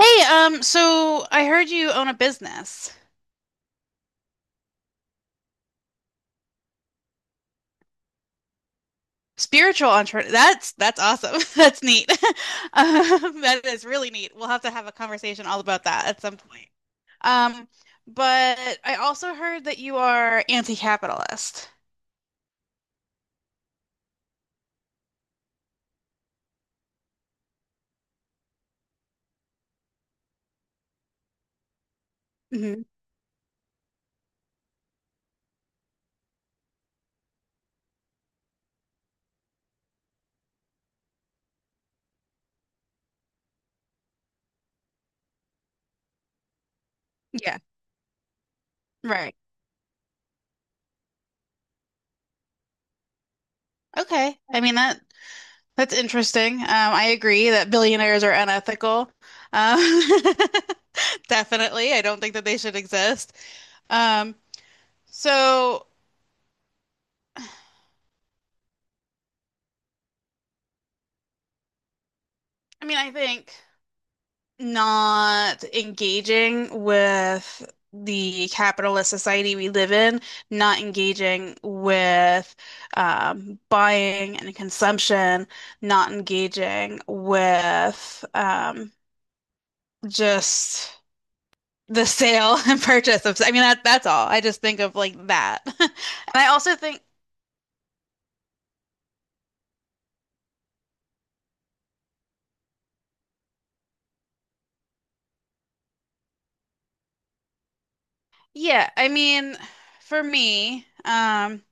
Hey, so I heard you own a business. Spiritual entrepreneur. That's awesome. That's neat. That is really neat. We'll have to have a conversation all about that at some point. Um, but I also heard that you are anti-capitalist. Hmm. Yeah, right. Okay. I mean, that's interesting. I agree that billionaires are unethical. Um, definitely. I don't think that they should exist. Um, so I mean, I think. Not engaging with the capitalist society we live in, not engaging with buying and consumption, not engaging with, just the sale and purchase of, I mean, that's all. I just think of like that. And I also think, yeah, I mean, for me,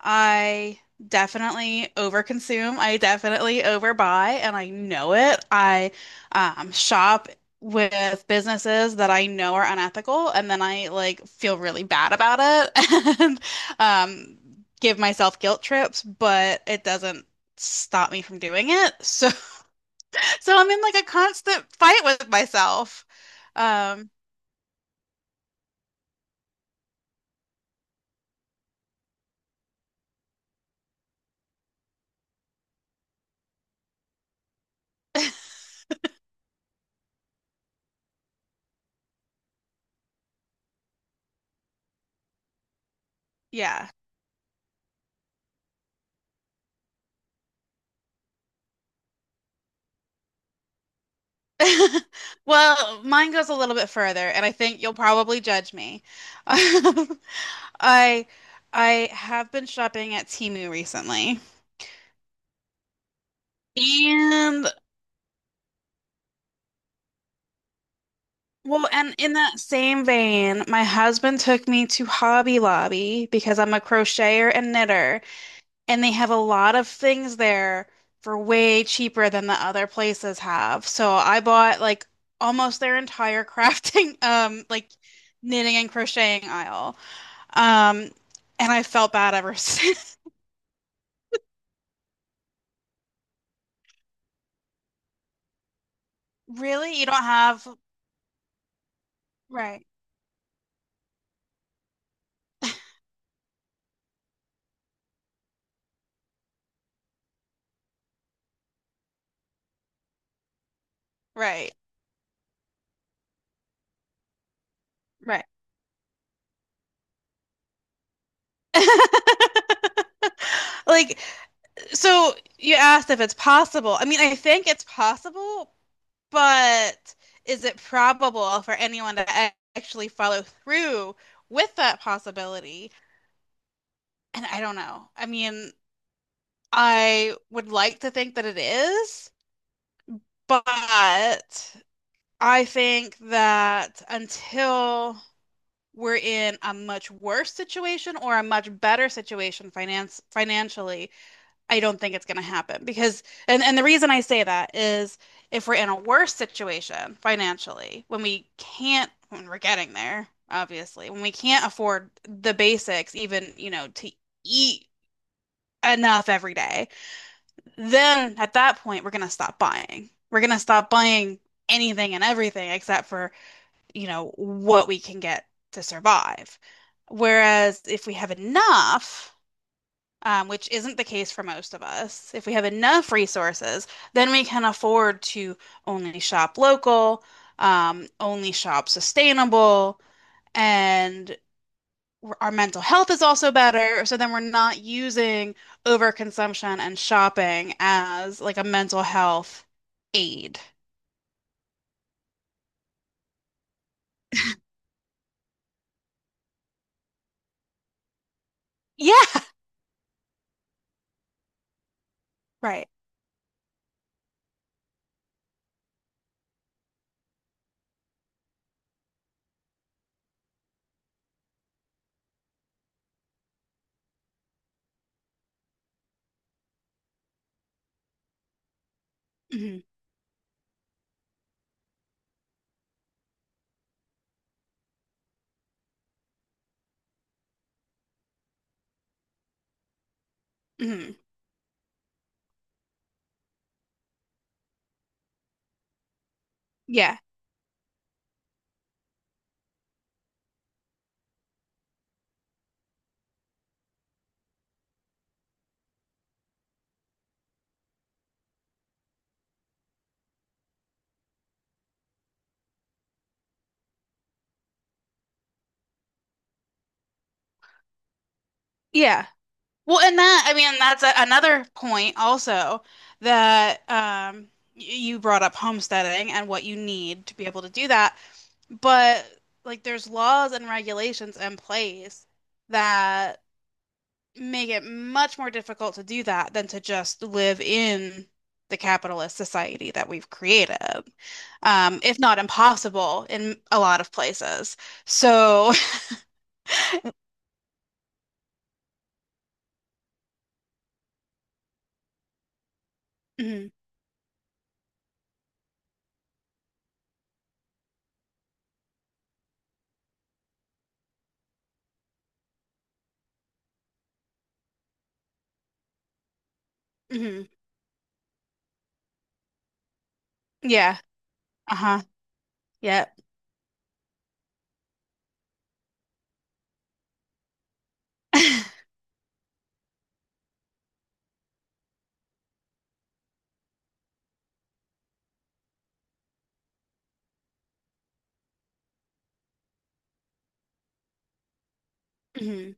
I definitely overconsume. I definitely overbuy, and I know it. I shop with businesses that I know are unethical, and then I like feel really bad about it and um, give myself guilt trips, but it doesn't stop me from doing it. So, so I'm in like a constant fight with myself. Um, yeah. Well, mine goes a little bit further, and I think you'll probably judge me. I I have been shopping at Temu recently. And well, and in that same vein, my husband took me to Hobby Lobby because I'm a crocheter and knitter, and they have a lot of things there for way cheaper than the other places have. So I bought like almost their entire crafting, like knitting and crocheting aisle. Um, and I felt bad ever since. Really? You don't have right. Right. Right. Like, so you asked if it's possible. I mean, I think it's possible, but is it probable for anyone to actually follow through with that possibility? And I don't know. I mean, I would like to think that it is, but I think that until we're in a much worse situation or a much better situation finance financially, I don't think it's going to happen because and the reason I say that is if we're in a worse situation financially, when we can't when we're getting there, obviously, when we can't afford the basics even, you know, to eat enough every day, then at that point we're going to stop buying. We're going to stop buying anything and everything except for, you know, what we can get to survive. Whereas if we have enough, which isn't the case for most of us, if we have enough resources, then we can afford to only shop local, only shop sustainable, and our mental health is also better. So then we're not using overconsumption and shopping as like a mental health aid. Yeah, right. Hmm. Hmm. Yeah. Yeah. Well, and that, I mean, that's another point also that you brought up homesteading and what you need to be able to do that. But like, there's laws and regulations in place that make it much more difficult to do that than to just live in the capitalist society that we've created, if not impossible in a lot of places. So, mhm, mhm, yeah, uh-huh, yep, mhm,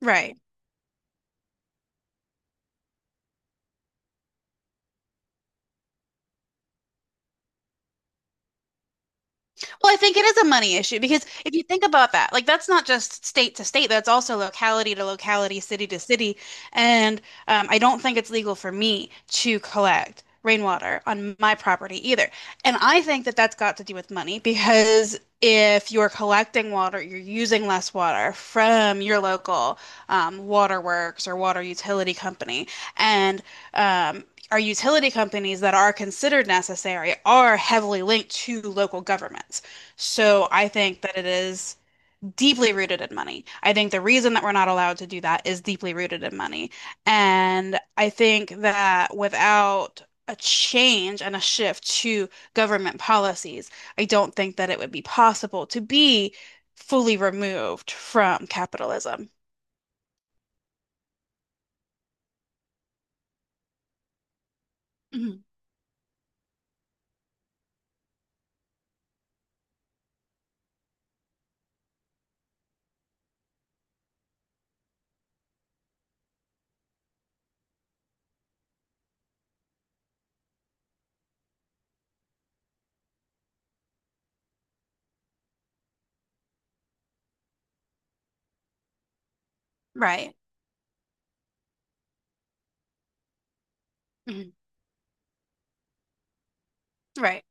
right. Well, I think it is a money issue because if you think about that, like that's not just state to state, that's also locality to locality, city to city. And I don't think it's legal for me to collect rainwater on my property either. And I think that that's got to do with money because if you're collecting water, you're using less water from your local waterworks or water utility company. And, um, our utility companies that are considered necessary are heavily linked to local governments. So I think that it is deeply rooted in money. I think the reason that we're not allowed to do that is deeply rooted in money. And I think that without a change and a shift to government policies, I don't think that it would be possible to be fully removed from capitalism. Mhm. Right. Mhm. Right.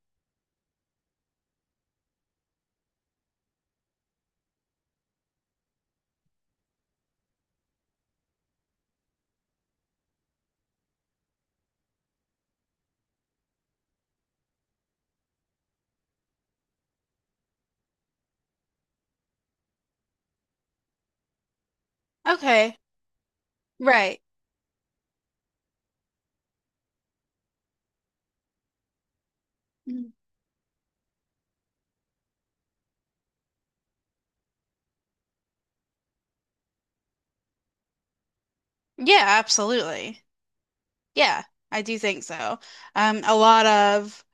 Okay. Right. Mhm. Yeah, absolutely. Yeah, I do think so. A lot of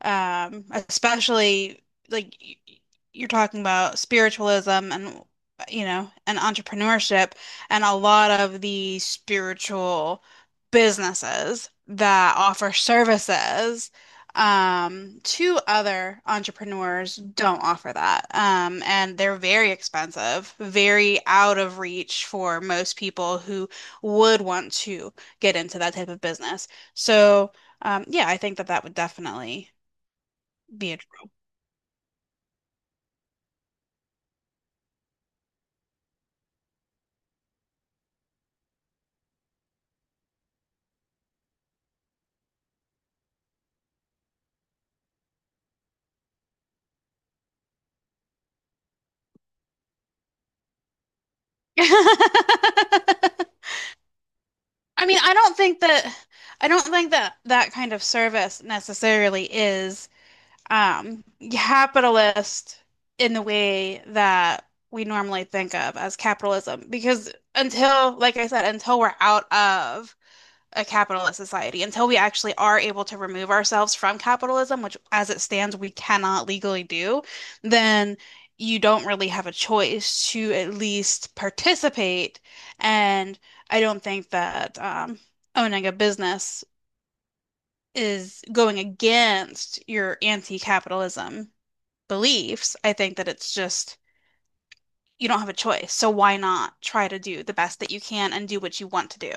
especially like you're talking about spiritualism and you know and entrepreneurship and a lot of the spiritual businesses that offer services, to other entrepreneurs don't offer that, and they're very expensive, very out of reach for most people who would want to get into that type of business, so yeah, I think that that would definitely be interesting. I mean, I don't think that that kind of service necessarily is um capitalist in the way that we normally think of as capitalism because until like I said, until we're out of a capitalist society, until we actually are able to remove ourselves from capitalism, which as it stands, we cannot legally do, then you don't really have a choice to at least participate. And I don't think that owning a business is going against your anti-capitalism beliefs. I think that it's just you don't have a choice. So why not try to do the best that you can and do what you want to do?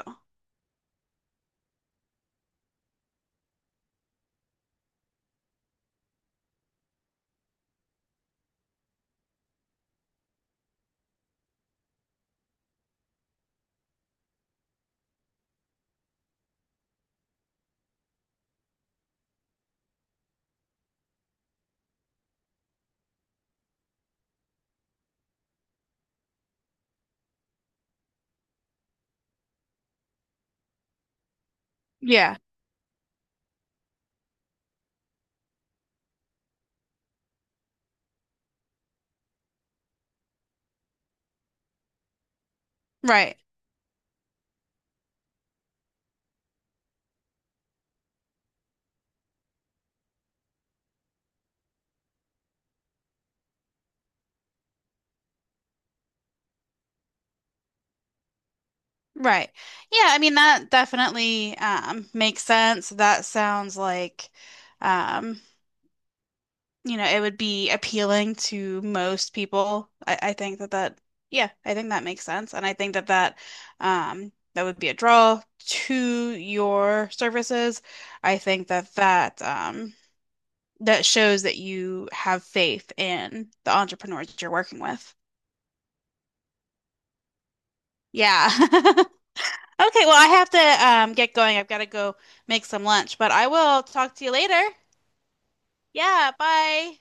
Yeah, right. Right. Yeah, I mean that definitely makes sense. That sounds like um you know, it would be appealing to most people. I think that yeah, I think that makes sense, and I think that that would be a draw to your services. I think that that shows that you have faith in the entrepreneurs you're working with. Yeah. Okay, well, I have to get going. I've got to go make some lunch, but I will talk to you later. Yeah, bye.